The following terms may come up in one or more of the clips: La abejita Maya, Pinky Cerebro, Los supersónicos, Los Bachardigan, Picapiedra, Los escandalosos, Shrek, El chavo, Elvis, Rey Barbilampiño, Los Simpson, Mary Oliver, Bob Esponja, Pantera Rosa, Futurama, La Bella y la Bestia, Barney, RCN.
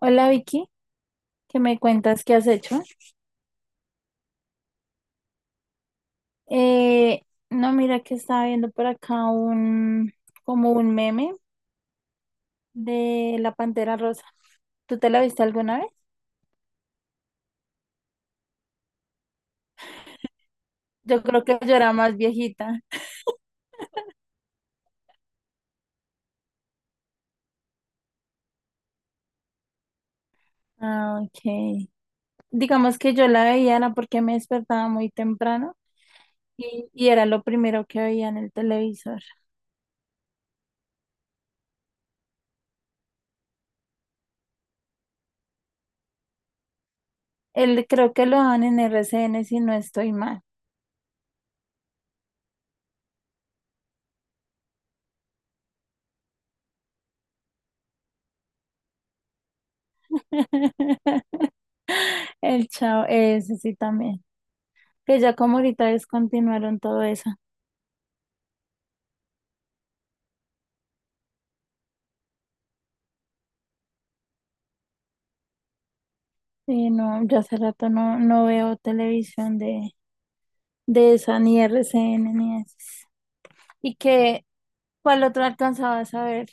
Hola Vicky, ¿qué me cuentas? ¿Qué has hecho? Eh, no, mira que estaba viendo por acá un meme de la Pantera Rosa. ¿Tú te la viste alguna vez? Yo creo que yo era más viejita. Ah, ok. Digamos que yo la veía era porque me despertaba muy temprano y era lo primero que veía en el televisor. Él creo que lo dan en RCN si no estoy mal. El chavo, ese sí también. Que ya como ahorita descontinuaron todo eso. Y no, yo hace rato no veo televisión de esa, ni RCN, ni esas. Y que, ¿Cuál otro alcanzabas a ver?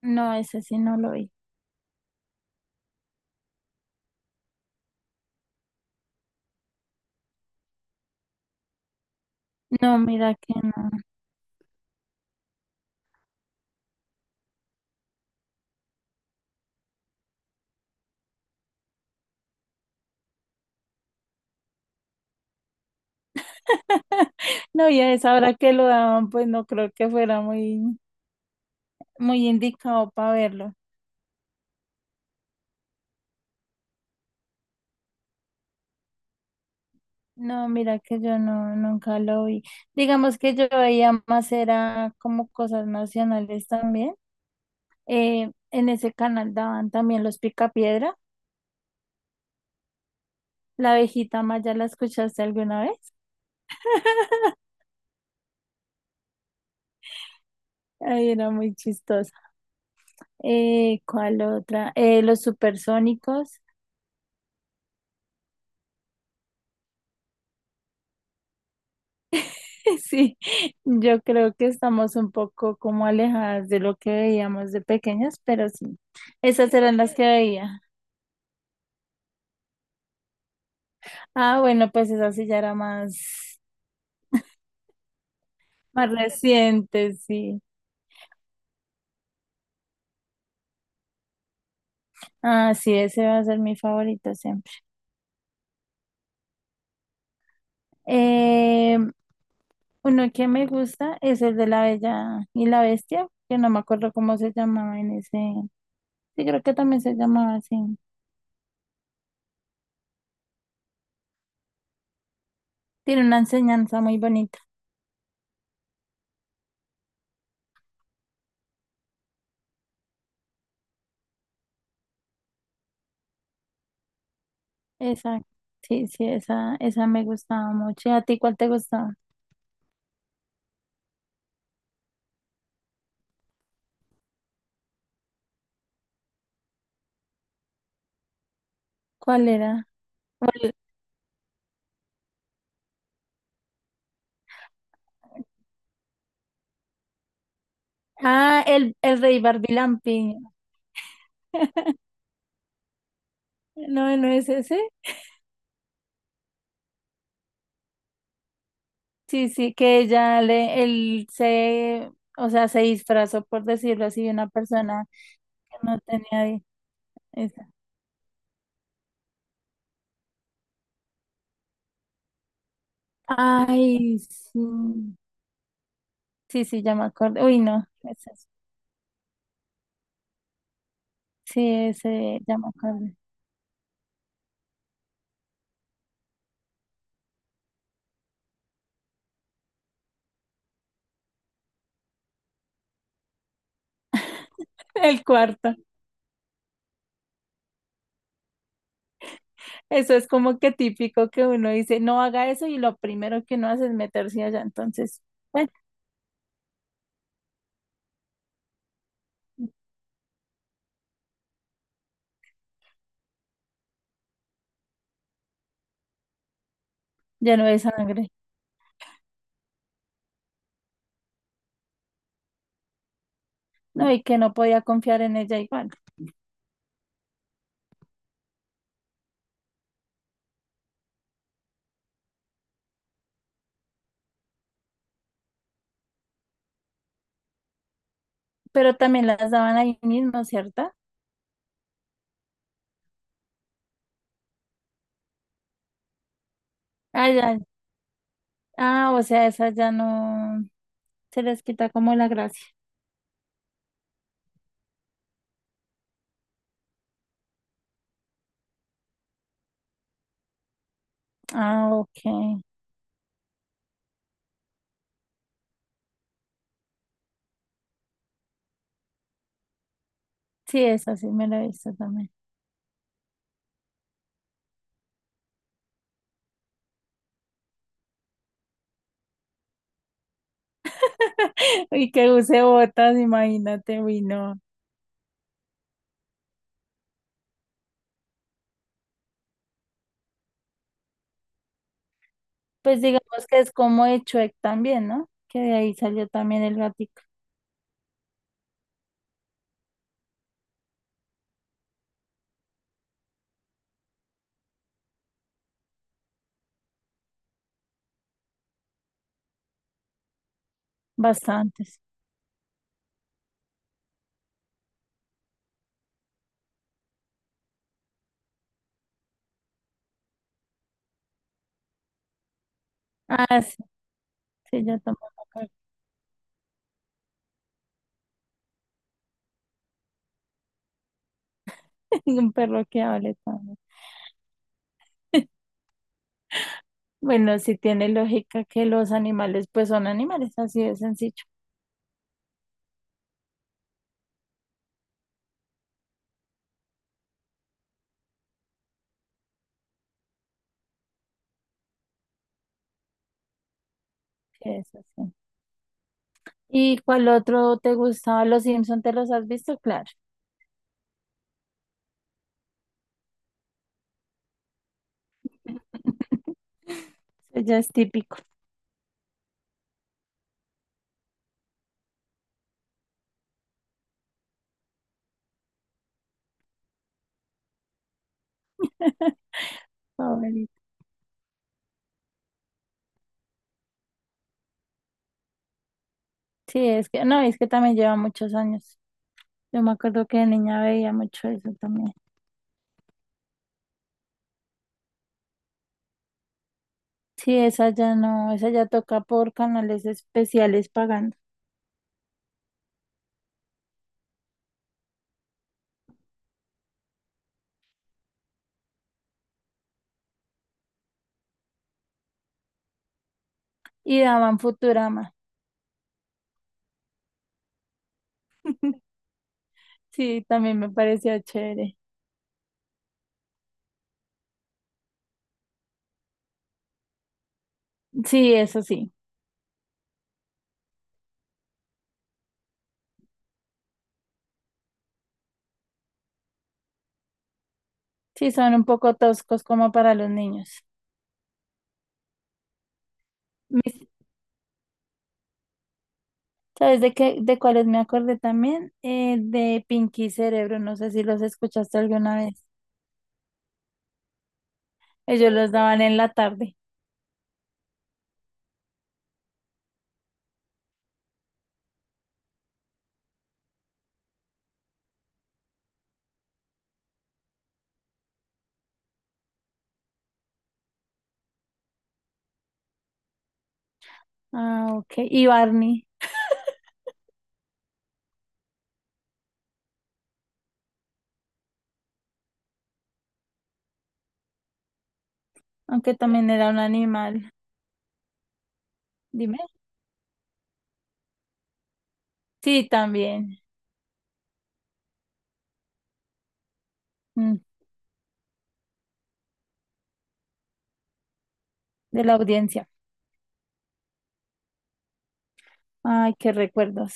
No, ese sí no lo vi. No, mira que no. No, y a esa hora que lo daban, pues no creo que fuera muy indicado para verlo. No, mira que yo no, nunca lo vi. Digamos que yo veía más, era como cosas nacionales también. En ese canal daban también los Picapiedra. La abejita Maya, ¿la escuchaste alguna vez? Ay, era muy chistosa. ¿Cuál otra? Los supersónicos. Sí, yo creo que estamos un poco como alejadas de lo que veíamos de pequeñas, pero sí, esas eran las que veía. Ah, bueno, pues esa sí ya era más reciente, sí. Ah, sí, ese va a ser mi favorito siempre. Eh, Uno que me gusta es el de La Bella y la Bestia, que no me acuerdo cómo se llamaba en ese. Sí, creo que también se llamaba así. Tiene una enseñanza muy bonita. Esa, sí, sí, esa me gustaba mucho. ¿Y a ti cuál te gustaba? ¿Cuál era? ¿Cuál- Ah, el Rey Barbilampiño. No, no es ese. Sí, sí, que ella le, él se, O sea, se disfrazó, por decirlo así, de una persona que no tenía. Esa. Ay, sí. Sí, ya me acordé. Uy, no, ese es- Sí, ese ya me acordé. El cuarto. Eso es como que típico que uno dice, no haga eso y lo primero que uno hace es meterse allá. Entonces, bueno, ya no hay sangre. No, y que no podía confiar en ella igual. Pero también las daban ahí mismo, ¿cierto? Ah, ya. Ah, o sea, esas ya no se les quita como la gracia. Ah, ok. Sí, esa sí me la he visto también. Y que use botas, imagínate, uy, no. Pues digamos que es como de Shrek también, ¿no? Que de ahí salió también el gatico, bastantes. Ah, sí, sí, ya tomó la carta. Un perro que hable también. Bueno, sí tiene lógica que los animales, pues son animales, así de sencillo, que es así. ¿Y cuál otro te gustaba? ¿Los Simpson te los has visto? Claro. Eso ya es típico. Favorito. Sí, es que, no, es que también lleva muchos años. Yo me acuerdo que de niña veía mucho eso también. Sí, esa ya no, esa ya toca por canales especiales pagando. Y daban Futurama. Sí, también me parecía chévere. Sí, eso sí. Sí, son un poco toscos como para los niños. Mis- ¿Sabes de cuáles me acordé también? De Pinky Cerebro. No sé si los escuchaste alguna vez. Ellos los daban en la tarde. Ah, ok. Y Barney, aunque también era un animal. Dime. Sí, también. Mm, de la audiencia. Ay, qué recuerdos.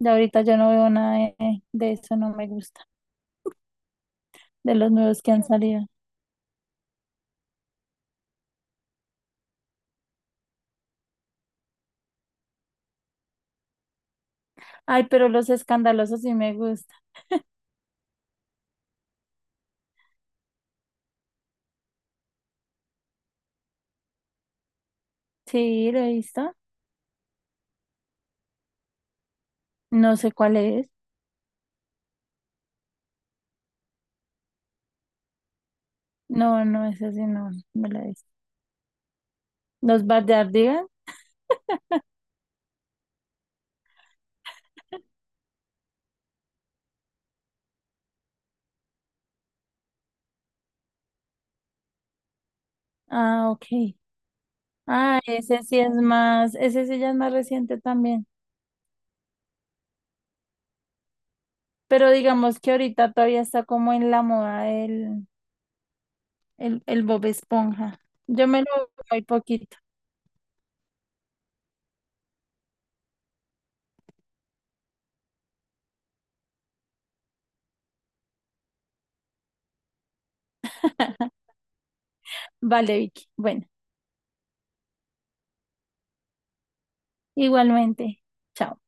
Ya ahorita yo no veo nada de eso, no me gusta, de los nuevos que han salido. Ay, pero los escandalosos sí me gusta. Sí, lo he visto. No sé cuál es. No, no, ese sí no me lo he visto. ¿Los Bachardigan? Ah, ok. Ah, ese sí es más, ese sí ya es más reciente también. Pero digamos que ahorita todavía está como en la moda el Bob Esponja. Yo me lo veo muy poquito. Vale, Vicky. Bueno, igualmente. Chao.